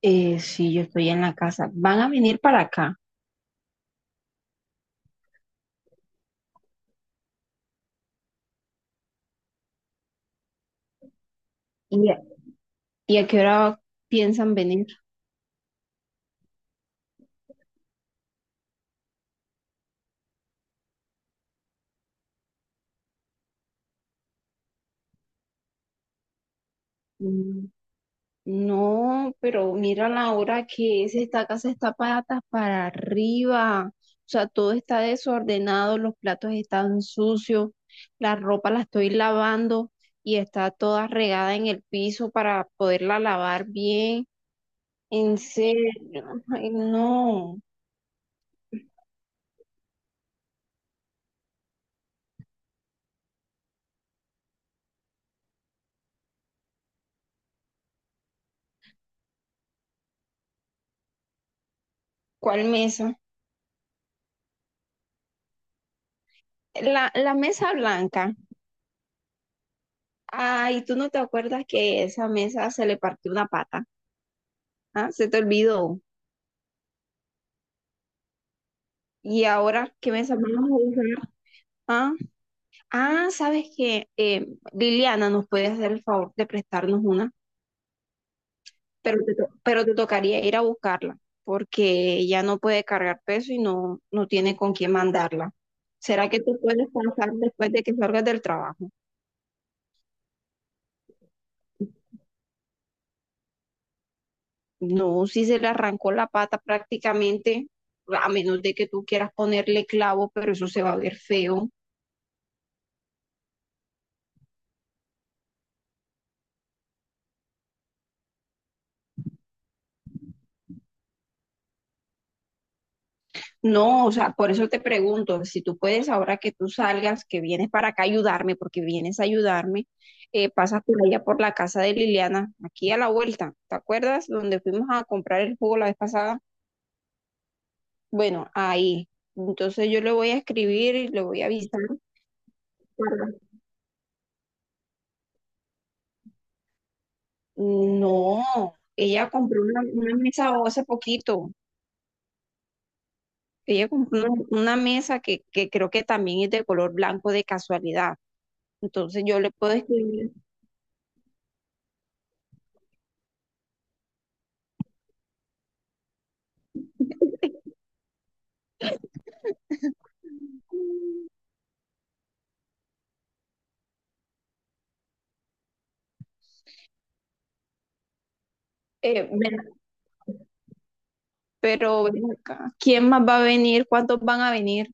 Sí, yo estoy en la casa. ¿Van a venir para acá? ¿Y a, y a qué hora piensan venir? Mm, No, pero mira la hora que es. Esta casa está patas para arriba. O sea, todo está desordenado, los platos están sucios, la ropa la estoy lavando y está toda regada en el piso para poderla lavar bien. En serio, ay, no. ¿Cuál mesa? La mesa blanca. Ay, ¿tú no te acuerdas que esa mesa se le partió una pata? ¿Ah? Se te olvidó. ¿Y ahora qué mesa vamos a usar? ¿Ah? Ah, ¿sabes qué? Liliana nos puede hacer el favor de prestarnos una, pero te tocaría ir a buscarla, porque ella no puede cargar peso y no tiene con quién mandarla. ¿Será que tú puedes pasar después de que salgas del trabajo? No, si se le arrancó la pata prácticamente, a menos de que tú quieras ponerle clavo, pero eso se va a ver feo. No, o sea, por eso te pregunto, si tú puedes, ahora que tú salgas, que vienes para acá a ayudarme, porque vienes a ayudarme, pasas por allá por la casa de Liliana, aquí a la vuelta, ¿te acuerdas? Donde fuimos a comprar el jugo la vez pasada. Bueno, ahí. Entonces yo le voy a escribir y le voy a avisar. para- No, ella compró una mesa hace poquito. Ella compró una mesa que creo que también es de color blanco de casualidad. Entonces yo le puedo escribir. eh, Pero ven acá, ¿quién más va a venir? ¿Cuántos van a venir?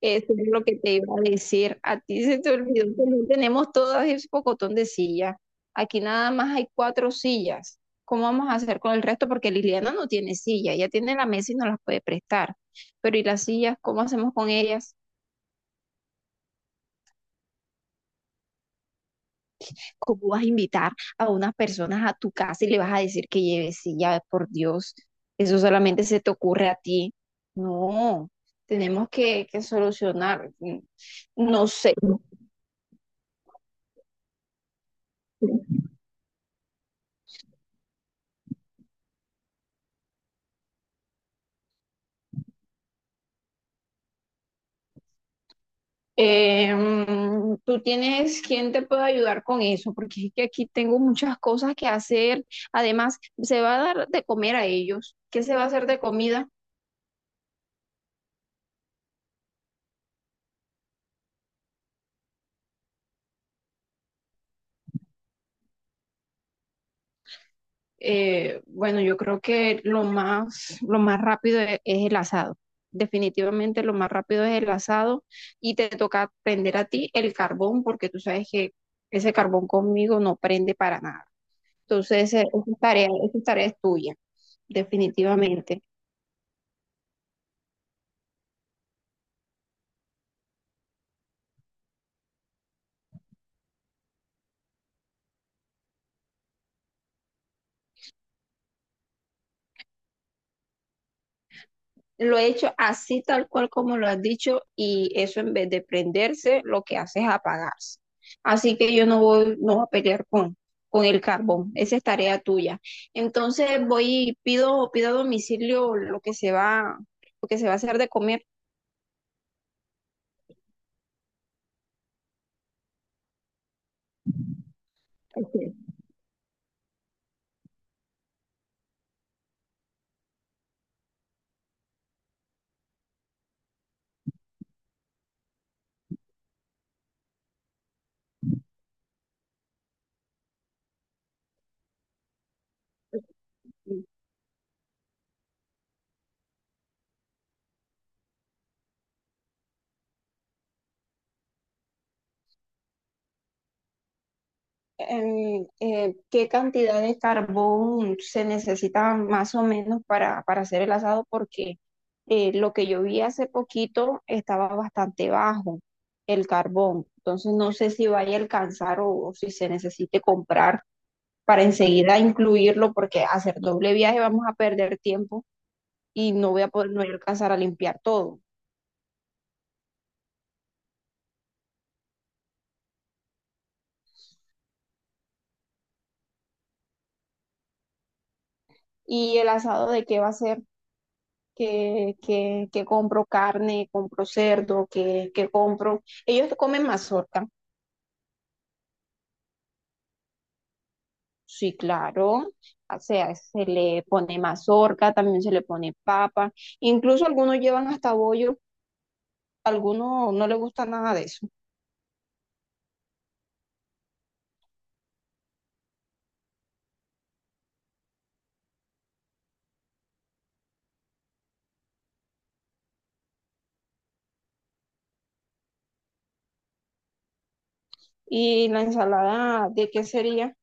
Eso es lo que te iba a decir. A ti se te olvidó que no tenemos todo ese pocotón de sillas. Aquí nada más hay cuatro sillas. ¿Cómo vamos a hacer con el resto? Porque Liliana no tiene silla, ella tiene la mesa y no las puede prestar. Pero ¿y las sillas? ¿Cómo hacemos con ellas? ¿Cómo vas a invitar a unas personas a tu casa y le vas a decir que lleve silla? Por Dios, eso solamente se te ocurre a ti. No, tenemos que solucionar. No sé. ¿Tú tienes quién te puede ayudar con eso? Porque es que aquí tengo muchas cosas que hacer. Además, se va a dar de comer a ellos. ¿Qué se va a hacer de comida? Bueno, yo creo que lo más rápido es el asado. Definitivamente lo más rápido es el asado y te toca prender a ti el carbón porque tú sabes que ese carbón conmigo no prende para nada. Entonces, esa tarea es tuya, definitivamente. Lo he hecho así tal cual como lo has dicho y eso en vez de prenderse, lo que hace es apagarse. Así que yo no voy a pelear con el carbón. Esa es tarea tuya. Entonces voy y pido a domicilio lo que se va a hacer de comer. Ok. ¿Qué cantidad de carbón se necesita más o menos para hacer el asado? Porque lo que yo vi hace poquito estaba bastante bajo el carbón. Entonces no sé si vaya a alcanzar o si se necesite comprar para enseguida incluirlo, porque hacer doble viaje vamos a perder tiempo y no voy a alcanzar a limpiar todo. ¿Y el asado de qué va a ser? Que compro carne, compro cerdo, que compro. Ellos comen mazorca, sí, claro. O sea, se le pone mazorca, también se le pone papa. Incluso algunos llevan hasta bollo, algunos no les gusta nada de eso. ¿Y la ensalada de qué sería?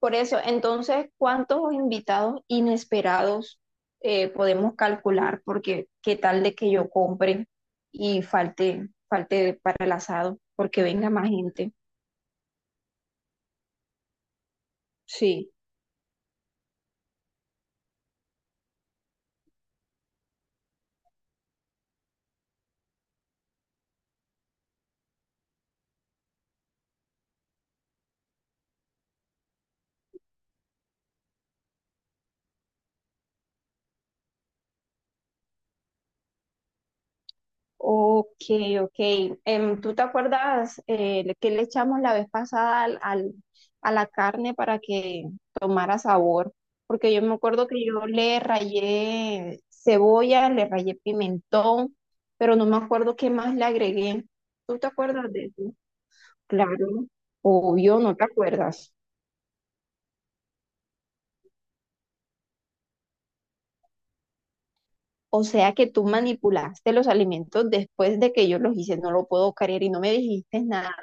Por eso, entonces, ¿cuántos invitados inesperados podemos calcular? Porque qué tal de que yo compre y falte para el asado, porque venga más gente. Sí. Ok, ok. ¿Tú te acuerdas que le echamos la vez pasada a la carne para que tomara sabor? Porque yo me acuerdo que yo le rayé cebolla, le rayé pimentón, pero no me acuerdo qué más le agregué. ¿Tú te acuerdas de eso? Claro, obvio, no te acuerdas. O sea que tú manipulaste los alimentos después de que yo los hice, no lo puedo creer y no me dijiste nada.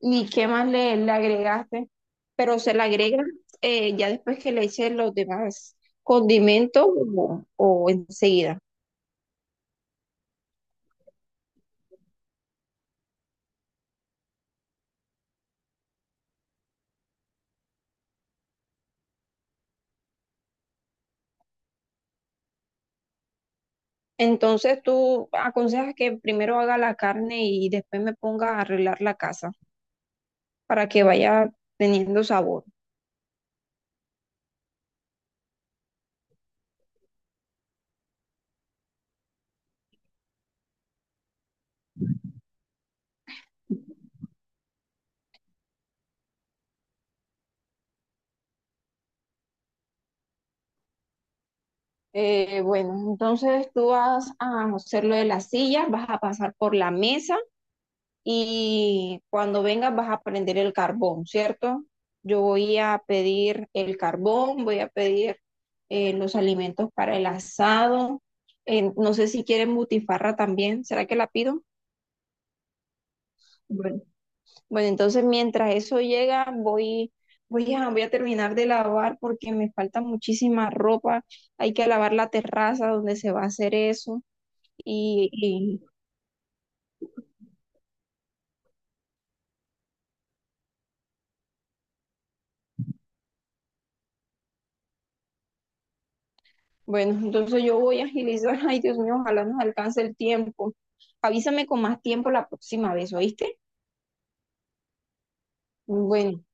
¿Y qué más le agregaste? Pero se le agrega ya después que le eches los demás condimentos o enseguida. Entonces tú aconsejas que primero haga la carne y después me ponga a arreglar la casa para que vaya teniendo sabor. Bueno, entonces tú vas a hacer lo de las sillas, vas a pasar por la mesa y cuando vengas vas a prender el carbón, ¿cierto? Yo voy a pedir el carbón, voy a pedir los alimentos para el asado. No sé si quieren butifarra también, ¿será que la pido? Bueno, Bueno, entonces mientras eso llega, voy a terminar de lavar porque me falta muchísima ropa. Hay que lavar la terraza donde se va a hacer eso. Y bueno, entonces yo voy a agilizar. Ay, Dios mío, ojalá nos alcance el tiempo. Avísame con más tiempo la próxima vez, ¿oíste? Bueno,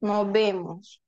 nos vemos.